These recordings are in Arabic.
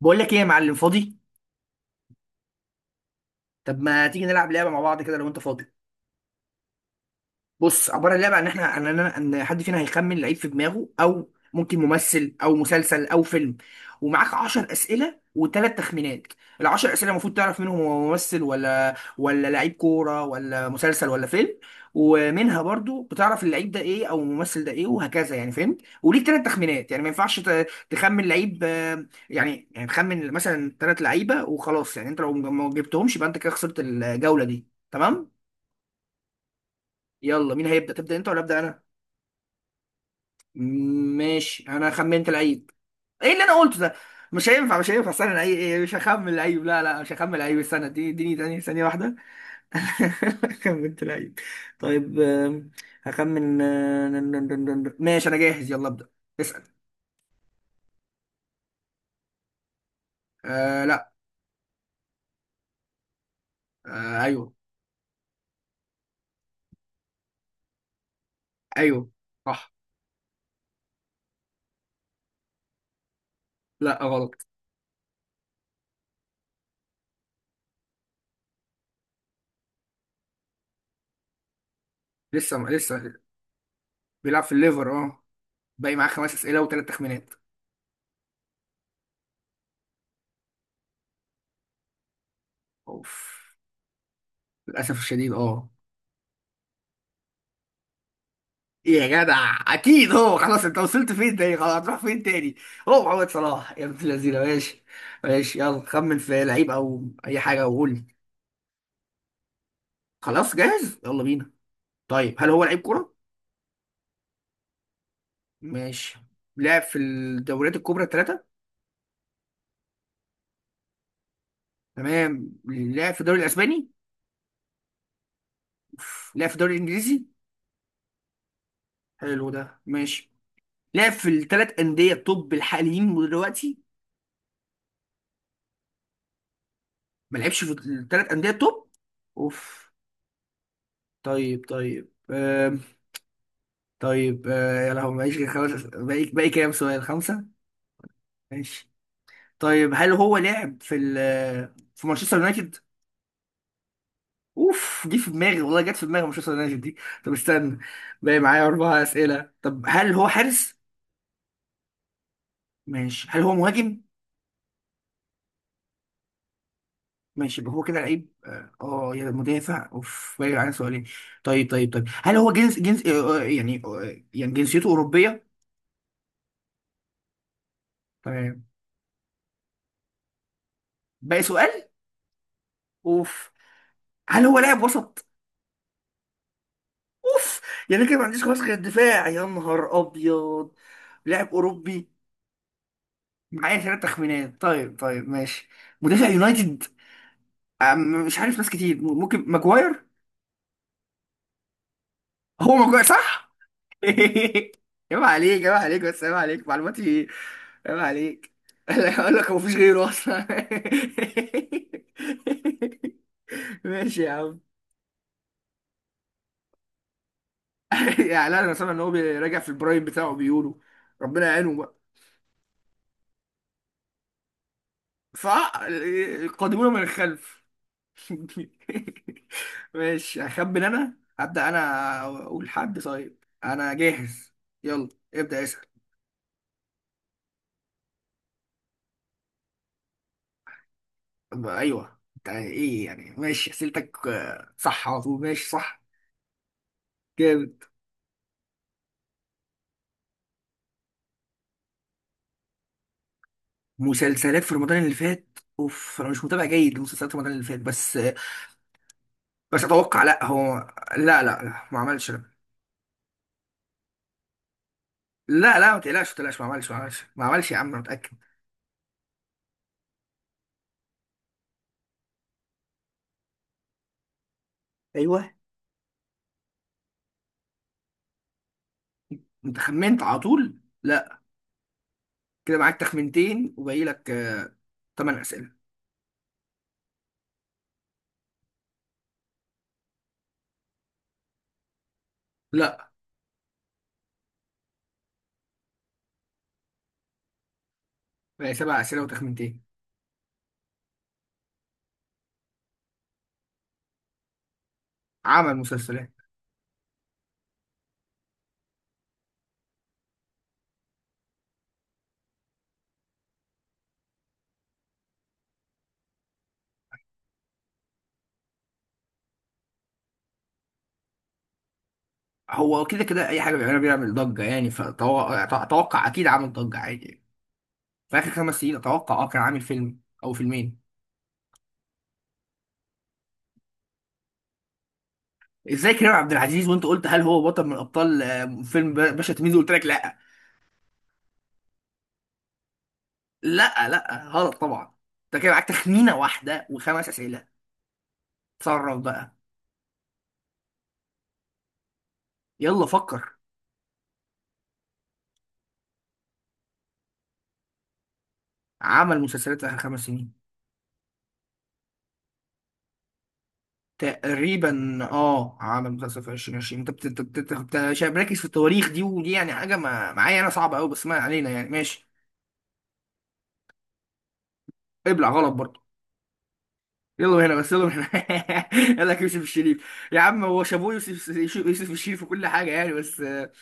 بقول لك ايه يا معلم فاضي. طب ما تيجي نلعب لعبه مع بعض كده لو انت فاضي. بص عباره اللعبه عن احنا ان ان حد فينا هيخمن لعيب في دماغه او ممكن ممثل او مسلسل او فيلم. ومعاك 10 اسئله وثلاث تخمينات. العشر اسئله المفروض تعرف منهم هو ممثل ولا لعيب كوره ولا مسلسل ولا فيلم. ومنها برضو بتعرف اللعيب ده ايه او الممثل ده ايه وهكذا، يعني فهمت، وليك ثلاث تخمينات، يعني ما ينفعش تخمن لعيب يعني تخمن مثلا ثلاث لعيبه وخلاص، يعني انت لو ما جبتهمش يبقى انت كده خسرت الجوله دي، تمام. يلا مين هيبدا، تبدا انت ولا ابدا انا؟ ماشي انا خمنت العيب. ايه اللي انا قلته ده؟ مش هينفع، مش هينفع، استنى، العيب ايه، مش هخمن العيب، لا لا، مش هخمن العيب، استنى اديني ثانية واحدة. خمنت العيب. طيب هخمن ماشي انا جاهز، يلا ابدأ اسأل. آه لا. آه ايوه. ايوه. صح. لا غلط. لسه لسه. بيلعب في الليفر، اه. باقي معاه خمس اسئلة وثلاث تخمينات. اوف. للاسف الشديد، اه. إيه يا جدع، اكيد هو، خلاص انت وصلت فين تاني، خلاص هتروح فين تاني. هو محمد صلاح يا ابن اللذينه، ماشي. ماشي يلا، خمن في لعيب او اي حاجه وقول لي. خلاص جاهز، يلا بينا. طيب هل هو لعيب كوره؟ ماشي. لعب في الدوريات الكبرى الثلاثه. تمام. لعب في الدوري الاسباني. أوف. لعب في الدوري الانجليزي. حلو ده، ماشي. لعب في الثلاث انديه التوب الحاليين دلوقتي؟ ما لعبش في الثلاث انديه التوب. اوف. طيب طيب. طيب يا لهوي، معيش غير خمس باقي كام سؤال، خمسة. ماشي. طيب هل هو لعب في في مانشستر يونايتد؟ اوف، دي في دماغي والله، جت في دماغي مانشستر يونايتد دي. طب استنى. باقي معايا أربع أسئلة. طب هل هو حارس؟ ماشي. هل هو مهاجم؟ ماشي، يبقى هو كده لعيب اه يا مدافع. اوف، باقي معايا سؤالين. طيب طيب طيب، هل هو جنسيته أوروبية؟ تمام. باقي سؤال. اوف. هل هو لاعب وسط؟ اوف. يعني كده ما عنديش خلاص غير الدفاع، يا نهار ابيض. لاعب اوروبي. معايا ثلاث تخمينات، طيب طيب ماشي. مدافع يونايتد. مش عارف، ناس كتير، ممكن ماجواير. هو ماجواير، صح. عيب عليك، عيب عليك، بس عيب عليك معلوماتي. عيب عليك. اقول لك، هو مفيش غيره اصلا. ماشي يا عم. يعني لا، انا سامع ان هو بيراجع في البرايم بتاعه بيقولوا، ربنا يعينه بقى. فقادمونا من الخلف. ماشي، هخمن انا، هبدأ انا. اقول حد، طيب انا جاهز. يلا ابدأ اسأل. طب ايوه انت ايه يعني، ماشي اسئلتك صح على طول، ماشي صح. جامد. مسلسلات في رمضان اللي فات، اوف، انا مش متابع جيد لمسلسلات رمضان اللي فات، بس بس اتوقع لا، هو لا لا لا، ما عملش، لا. لا لا، ما تقلقش، ما تقلقش، ما عملش، يا عم انا متأكد. ايوه. انت خمنت على طول، لا. كده معاك تخمنتين وباقي لك 8 اسئله. لا. بقى سبع أسئلة وتخمينتين. عمل مسلسلات. هو كده كده أي حاجة بيعملها بيعمل ضجة، يعني فأتوقع أكيد عامل ضجة عادي يعني. في آخر خمس سنين أتوقع أه كان عامل فيلم أو فيلمين. إزاي كريم عبد العزيز وأنت قلت هل هو بطل من أبطال فيلم باشا تلميذ، قلت لك لأ. لأ لأ، غلط طبعا. أنت كده معاك تخمينة واحدة وخمس أسئلة. تصرف بقى. يلا فكر. عمل مسلسلات في آخر خمس سنين. تقريبا اه، على مسلسل في 2020 انت مش مركز في التواريخ دي ودي، يعني حاجه ما معايا انا صعبه قوي، بس ما علينا يعني، ماشي. ابلع، غلط برضه. يلا من هنا بس، يلا من هنا. قال لك يوسف الشريف يا عم، هو شابوه يوسف. يوسف الشريف في كل حاجه يعني، بس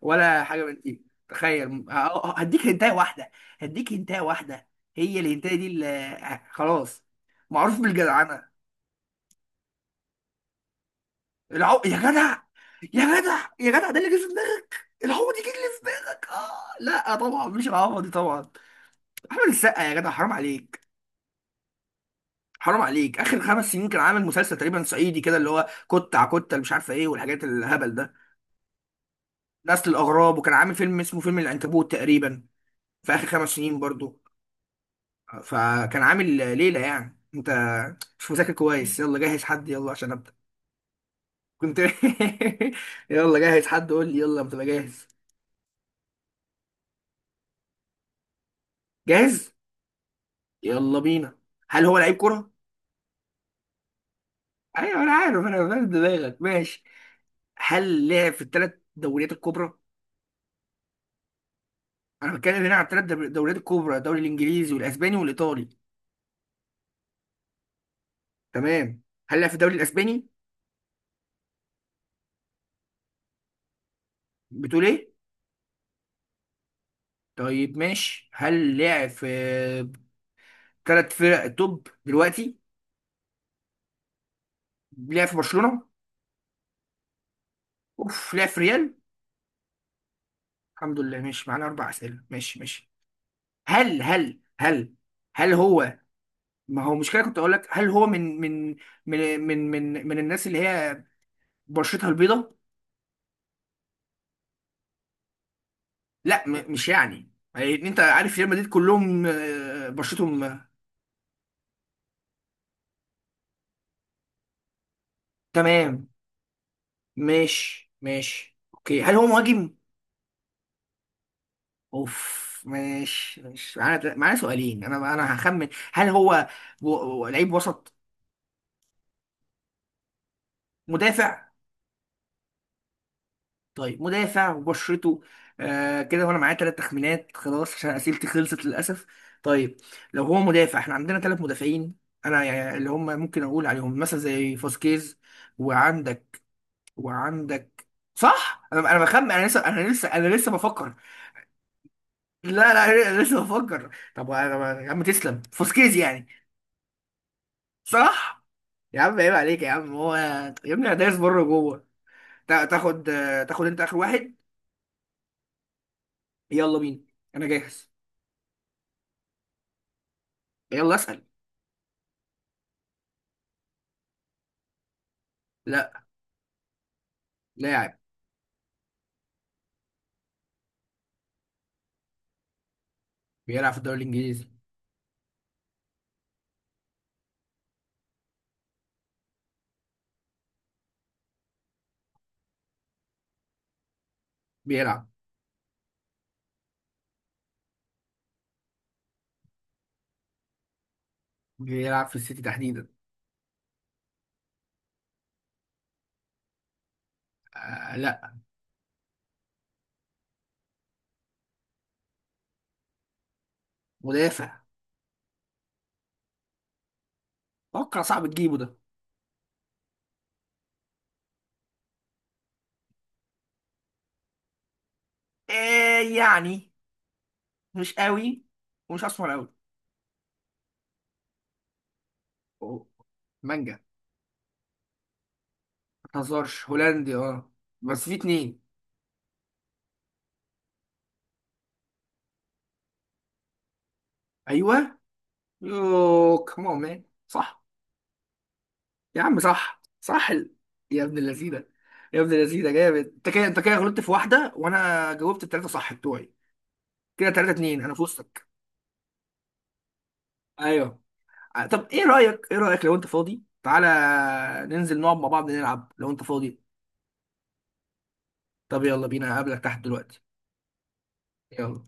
ولا حاجه من دي، تخيل. آه، آه، أه، هديك هنتايه واحده. هديك هنتايه واحده. هي الهنتايه دي اللي خلاص، معروف بالجدعنه. العو... يا جدع، يا جدع يا جدع، ده اللي جه في دماغك، العوض يجي اللي في دماغك، اه لا طبعا مش العوض دي طبعا. احمد السقا يا جدع، حرام عليك. حرام عليك، اخر خمس سنين كان عامل مسلسل تقريبا صعيدي كده، اللي هو كت على كت، اللي مش عارفه ايه والحاجات الهبل ده، نسل الاغراب، وكان عامل فيلم اسمه فيلم العنكبوت تقريبا، في اخر خمس سنين برضو. فكان عامل ليله، يعني انت مش مذاكر كويس. يلا جهز حد، يلا عشان ابدا. كنت. يلا جهز حد قول لي يلا، ما تبقى جاهز. جاهز. يلا بينا. هل هو لعيب كرة؟ ايوه انا عارف، انا فاهم دماغك، ماشي. هل لعب في الثلاث دوريات الكبرى؟ انا بتكلم هنا عن الثلاث دوريات الكبرى، الدوري الانجليزي والاسباني والايطالي. تمام. هل لعب في الدوري الاسباني؟ بتقول ايه؟ طيب ماشي. هل لعب في ثلاث فرق توب دلوقتي؟ لعب في برشلونة؟ اوف. لعب في ريال؟ الحمد لله، ماشي معانا اربع اسئله، ماشي ماشي. هل هل هو، ما هو مشكله كنت اقول لك، هل هو من من الناس اللي هي بشرتها البيضة؟ لا مش يعني يعني، انت عارف ريال مدريد كلهم بشرتهم تمام. ماشي ماشي، اوكي. هل هو مهاجم؟ اوف، ماشي ماشي، معانا سؤالين. انا هخمن، هل هو لعيب وسط؟ مدافع. طيب، مدافع وبشرته كده، وانا معايا ثلاث تخمينات خلاص عشان اسئلتي خلصت للاسف. طيب، لو هو مدافع احنا عندنا ثلاث مدافعين انا، يعني اللي هم ممكن اقول عليهم مثلا زي فاسكيز، وعندك وعندك صح، انا بخمن، انا لسه بفكر. لا لا، انا لسه بفكر. طب انا يا عم، تسلم فوسكيز يعني. صح. يا عم عيب عليك يا عم، هو يا ابني انا دايس بره جوه. تاخد، تاخد انت اخر واحد. يلا بينا. انا جاهز. يلا اسال. لا. لاعب. بيلعب في الدوري الانجليزي. بيلعب بيلعب في السيتي تحديدا. آه لا. مدافع. اتوقع صعب تجيبه ده. آه يعني، مش قوي ومش اسمر قوي. أوه، مانجا. هزارش هولندي اه، بس في اتنين. ايوه. يو كمان مان، صح. يا عم صح صح يا ابن اللذينه. يا ابن اللذينه، جامد انت كده، انت كده غلطت في واحده وانا جاوبت التلاته صح بتوعي. كده تلاته اتنين، انا في وسطك. ايوه. طب ايه رايك، ايه رايك لو انت فاضي تعالى ننزل نقعد مع بعض نلعب لو انت فاضي. طب يلا بينا، هقابلك تحت دلوقتي. يلا.